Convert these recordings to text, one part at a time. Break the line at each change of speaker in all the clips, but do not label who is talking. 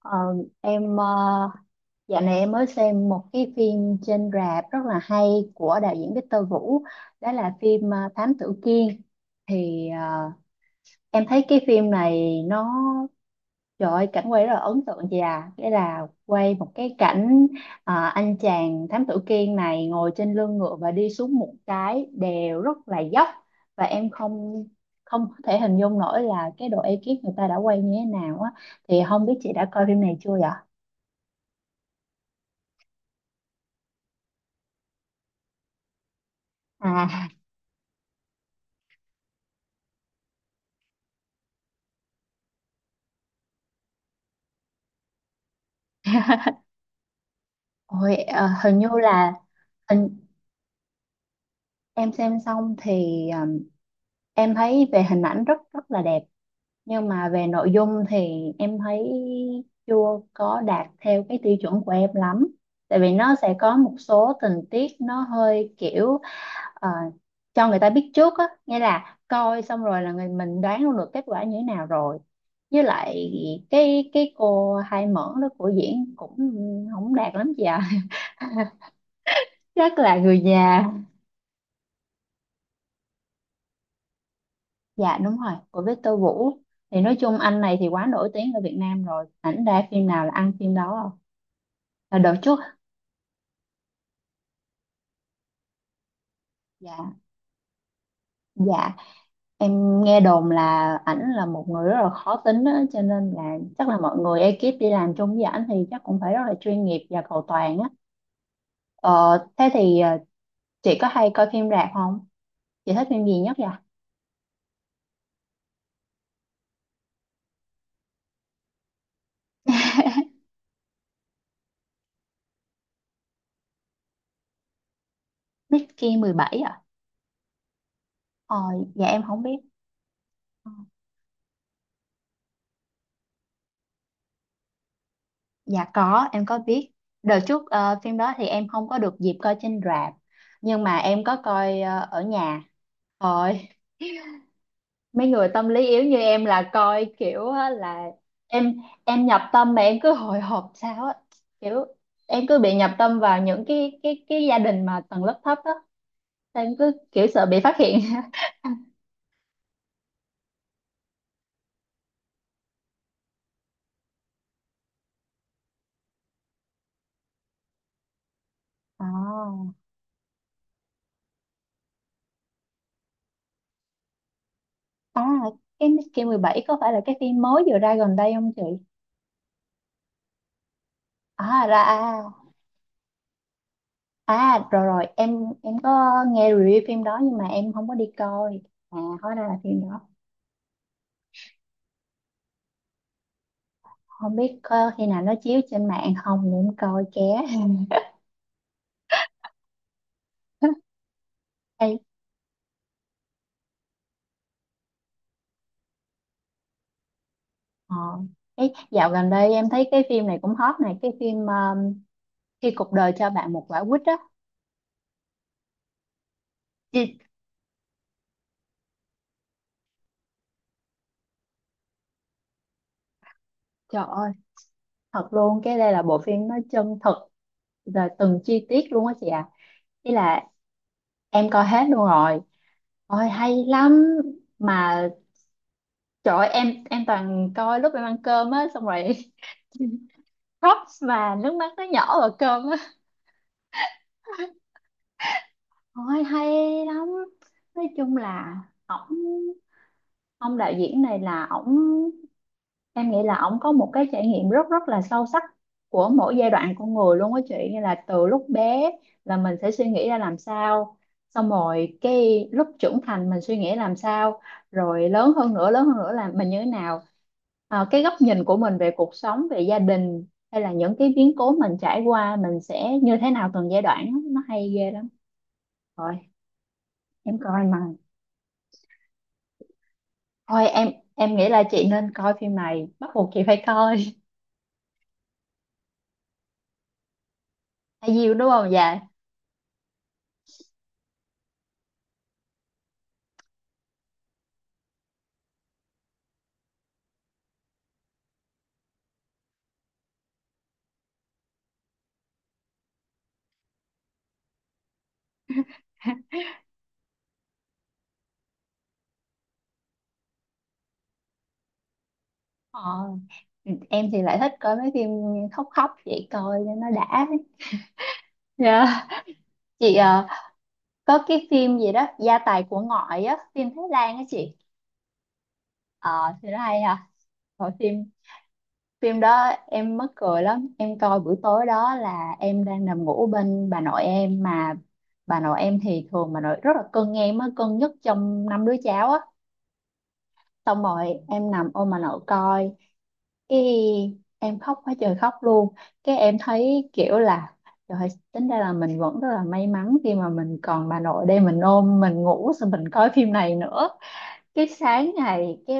Ờ, em dạo này em mới xem một cái phim trên rạp rất là hay của đạo diễn Victor Vũ. Đó là phim Thám Tử Kiên. Thì em thấy cái phim này nó, trời ơi, cảnh quay rất là ấn tượng chị à, nghĩa là quay một cái cảnh anh chàng Thám Tử Kiên này ngồi trên lưng ngựa và đi xuống một cái đèo rất là dốc. Và em không không có thể hình dung nổi là cái độ ekip người ta đã quay như thế nào á. Thì không biết chị đã coi phim này chưa vậy? À. Ôi, hình như là hình, em xem xong thì em thấy về hình ảnh rất rất là đẹp, nhưng mà về nội dung thì em thấy chưa có đạt theo cái tiêu chuẩn của em lắm. Tại vì nó sẽ có một số tình tiết nó hơi kiểu ờ, cho người ta biết trước á, nghĩa là coi xong rồi là người mình đoán luôn được kết quả như thế nào rồi. Với lại cái cô hai mẫn đó của diễn cũng không đạt lắm chị ạ. Rất là người già. Dạ đúng rồi, của Victor Vũ. Thì nói chung anh này thì quá nổi tiếng ở Việt Nam rồi. Ảnh ra phim nào là ăn phim đó. Là đợt trước, dạ, dạ. Em nghe đồn là ảnh là một người rất là khó tính á, cho nên là chắc là mọi người ekip đi làm chung với ảnh thì chắc cũng phải rất là chuyên nghiệp và cầu toàn á. Ờ, thế thì chị có hay coi phim rạp không? Chị thích phim gì nhất vậy? Mickey 17 à? Ờ, dạ em không biết. Dạ có, em có biết. Đợt trước phim đó thì em không có được dịp coi trên rạp, nhưng mà em có coi ở nhà. Rồi, mấy người tâm lý yếu như em là coi kiểu á là em em nhập tâm mà em cứ hồi hộp sao á, kiểu em cứ bị nhập tâm vào những cái gia đình mà tầng lớp thấp á, em cứ kiểu sợ bị phát hiện. À, à cái Miss 17 có phải là cái phim mới vừa ra gần đây không chị? À ra à. À rồi rồi em có nghe review phim đó nhưng mà em không có đi coi. À hóa ra là phim đó. Không biết có khi nào nó chiếu trên mạng không để em coi ké. Ê, ờ, ấy, dạo gần đây em thấy cái phim này cũng hot này, cái phim khi cuộc đời cho bạn một quả quýt á. Chị- trời ơi, thật luôn, cái đây là bộ phim nó chân thực rồi từng chi tiết luôn á chị ạ. Ý là em coi hết luôn rồi, ôi hay lắm mà. Trời ơi, em toàn coi lúc em ăn cơm á xong rồi props mà nước mắt nó nhỏ vào cơm á. Ôi hay lắm. Nói chung là ổng ông đạo diễn này là ổng, em nghĩ là ổng có một cái trải nghiệm rất rất là sâu sắc của mỗi giai đoạn con người luôn á chị, như là từ lúc bé là mình sẽ suy nghĩ ra làm sao, xong rồi cái lúc trưởng thành mình suy nghĩ làm sao, rồi lớn hơn nữa là mình như thế nào. Cái góc nhìn của mình về cuộc sống, về gia đình hay là những cái biến cố mình trải qua mình sẽ như thế nào từng giai đoạn á, nó hay ghê lắm. Rồi em coi mà thôi, em nghĩ là chị nên coi phim này, bắt buộc chị phải coi. Hay gì đúng không dạ. Ờ. Ừ, em thì lại thích coi mấy phim khóc khóc vậy coi cho nó đã. Dạ. Chị có cái phim gì đó gia tài của ngoại á, phim Thái Lan á chị, ờ thì nó hay à. Rồi phim, phim đó em mắc cười lắm, em coi buổi tối, đó là em đang nằm ngủ bên bà nội em mà bà nội em thì thường bà nội rất là cưng em á, cưng nhất trong 5 đứa cháu á, xong rồi em nằm ôm bà nội coi. Ý, em khóc quá trời khóc luôn. Cái em thấy kiểu là trời ơi, tính ra là mình vẫn rất là may mắn khi mà mình còn bà nội đây mình ôm mình ngủ xong mình coi phim này nữa. Cái sáng ngày cái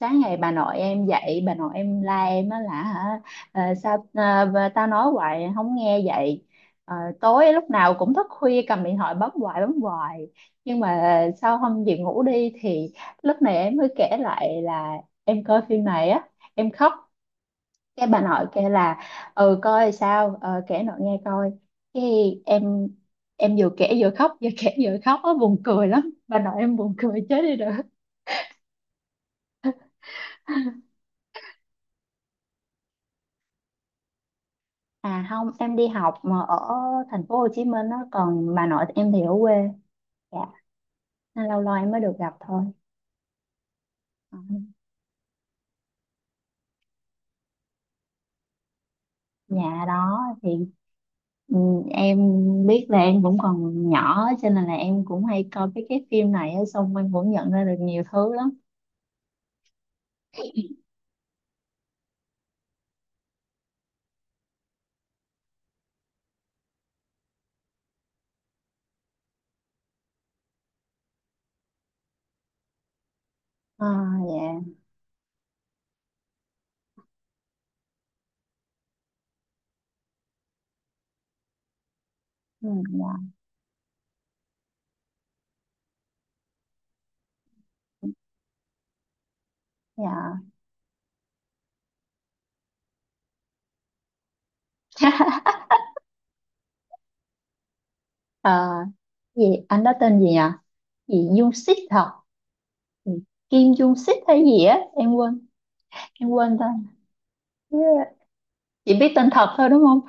sáng ngày bà nội em dậy, bà nội em la em á là hả, sao bà- tao nói hoài không nghe vậy. Ờ, tối lúc nào cũng thức khuya cầm điện thoại bấm hoài bấm hoài, nhưng mà sau hôm về ngủ đi thì lúc này em mới kể lại là em coi phim này á, em khóc. Cái bà nội kêu là ừ coi sao kể nội nghe coi. Cái em em vừa kể vừa khóc vừa kể vừa khóc á, buồn cười lắm, bà nội em buồn cười chết đi được. À không em đi học mà ở thành phố Hồ Chí Minh á, còn bà nội em thì ở quê. Dạ, nên lâu lâu em mới được gặp thôi. Ờ, nhà đó thì ừ, em biết là em cũng còn nhỏ cho nên là em cũng hay coi cái phim này á, xong em cũng nhận ra được nhiều thứ lắm. À. Dạ. Ừ, dạ. Dạ. Ờ, gì anh đó tên gì nhỉ, gì Dung Sít hả. Ừ, Kim Dung Sít hay gì á em quên, em quên tên. Yeah. Chỉ biết tên thật thôi đúng không.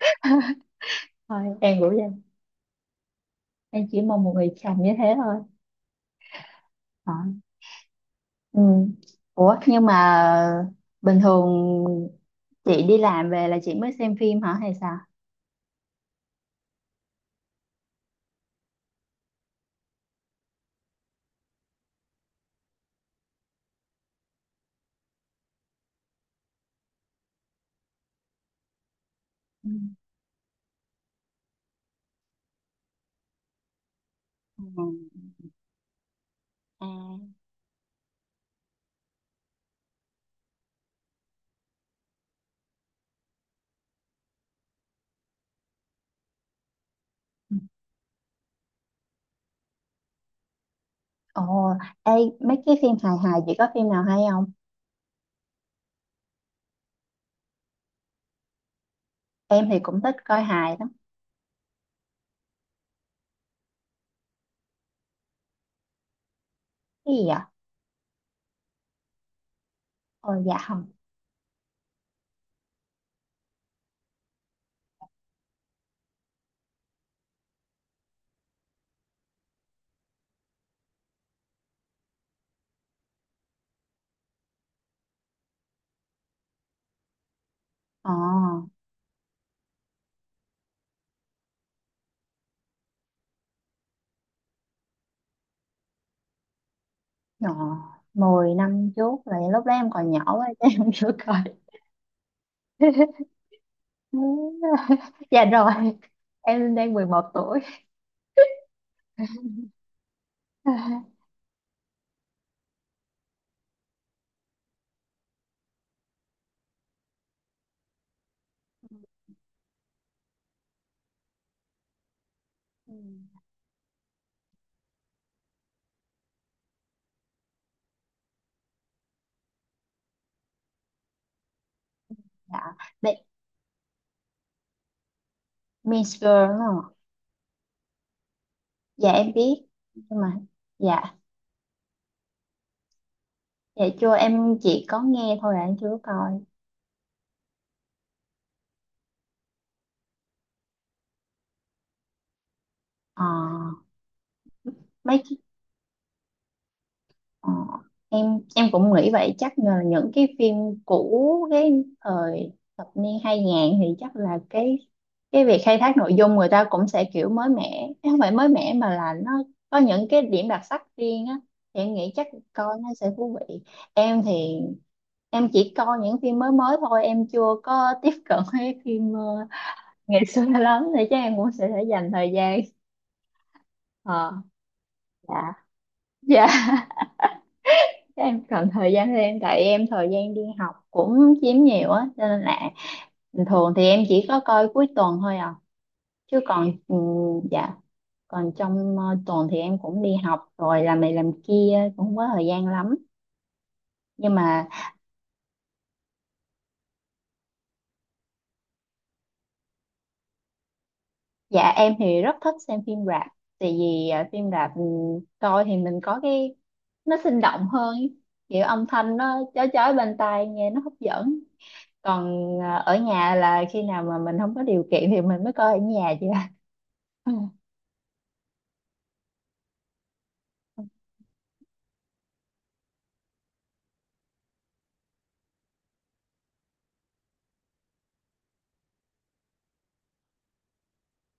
Thôi em cũng vậy, em chỉ mong một người chồng như thế thôi. Ờ, ừ. Ủa nhưng mà bình thường chị đi làm về là chị mới xem phim hả hay sao? Ừ. Ừ. À. Ồ, ê, mấy cái phim hài hài chị có phim nào hay không? Em thì cũng thích coi hài lắm. Cái gì vậy? Ồ dạ. Ờ, ờ, 10 năm trước là lúc đó em còn nhỏ quá chứ em chưa coi. Dạ rồi, em đang 11 tuổi. Ừ. Dạ, Be- Mean Girls đúng không? Dạ em biết, nhưng mà dạ, dạ chưa, em chỉ có nghe thôi à, em chưa có coi. Ờ, mấy, Ờ, em cũng nghĩ vậy, chắc là những cái phim cũ cái thời thập niên 2000 thì chắc là cái việc khai thác nội dung người ta cũng sẽ kiểu mới mẻ, không phải mới mẻ mà là nó có những cái điểm đặc sắc riêng á, thì em nghĩ chắc coi nó sẽ thú vị. Em thì em chỉ coi những phim mới mới thôi, em chưa có tiếp cận với phim ngày xưa lắm, thì chắc em cũng sẽ phải dành thời gian. Ờ, dạ, dạ, em cần thời gian thêm tại em thời gian đi học cũng chiếm nhiều á, cho nên là bình thường thì em chỉ có coi cuối tuần thôi à, chứ còn ừ, dạ, còn trong tuần thì em cũng đi học rồi làm này làm kia cũng không có thời gian lắm, nhưng mà dạ em thì rất thích xem phim rạp, tại vì phim rạp ừ, coi thì mình có cái, nó sinh động hơn ý. Kiểu âm thanh nó chói chói bên tai nghe nó hấp dẫn, còn ở nhà là khi nào mà mình không có điều kiện thì mình mới coi ở nhà chứ.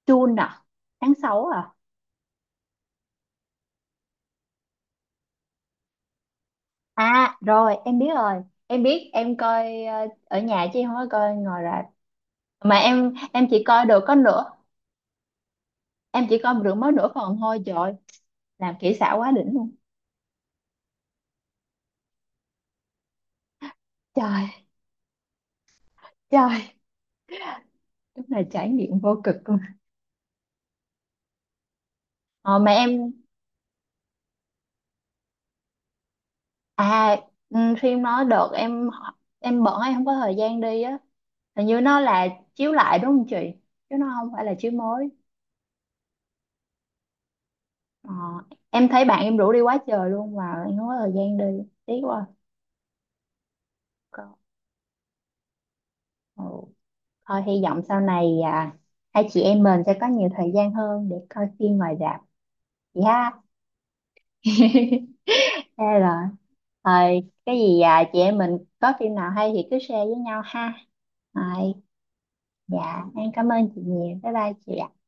June à, tháng 6 à? À rồi em biết rồi, em biết, em coi ở nhà chứ em không có coi ngoài rạp, mà em chỉ coi được có nửa, em chỉ coi được mới nửa phần thôi. Trời ơi, làm kỹ xảo quá đỉnh luôn. Trời. Trời, đúng là trải nghiệm vô cực luôn. Ờ, mà em à, ừ, phim nó đợt em bận em không có thời gian đi á. Hình như nó là chiếu lại đúng không chị, chứ nó không phải là chiếu mới. ờ, em thấy bạn em rủ đi quá trời luôn mà em không có thời gian đi, tiếc quá. Ừ. Thôi hy vọng sau này à, hai chị em mình sẽ có nhiều thời gian hơn để coi phim ngoài rạp chị ha. Thế rồi. Thôi cái gì à, chị em mình có phim nào hay thì cứ share với nhau ha. Rồi, dạ em cảm ơn chị nhiều. Bye bye chị ạ.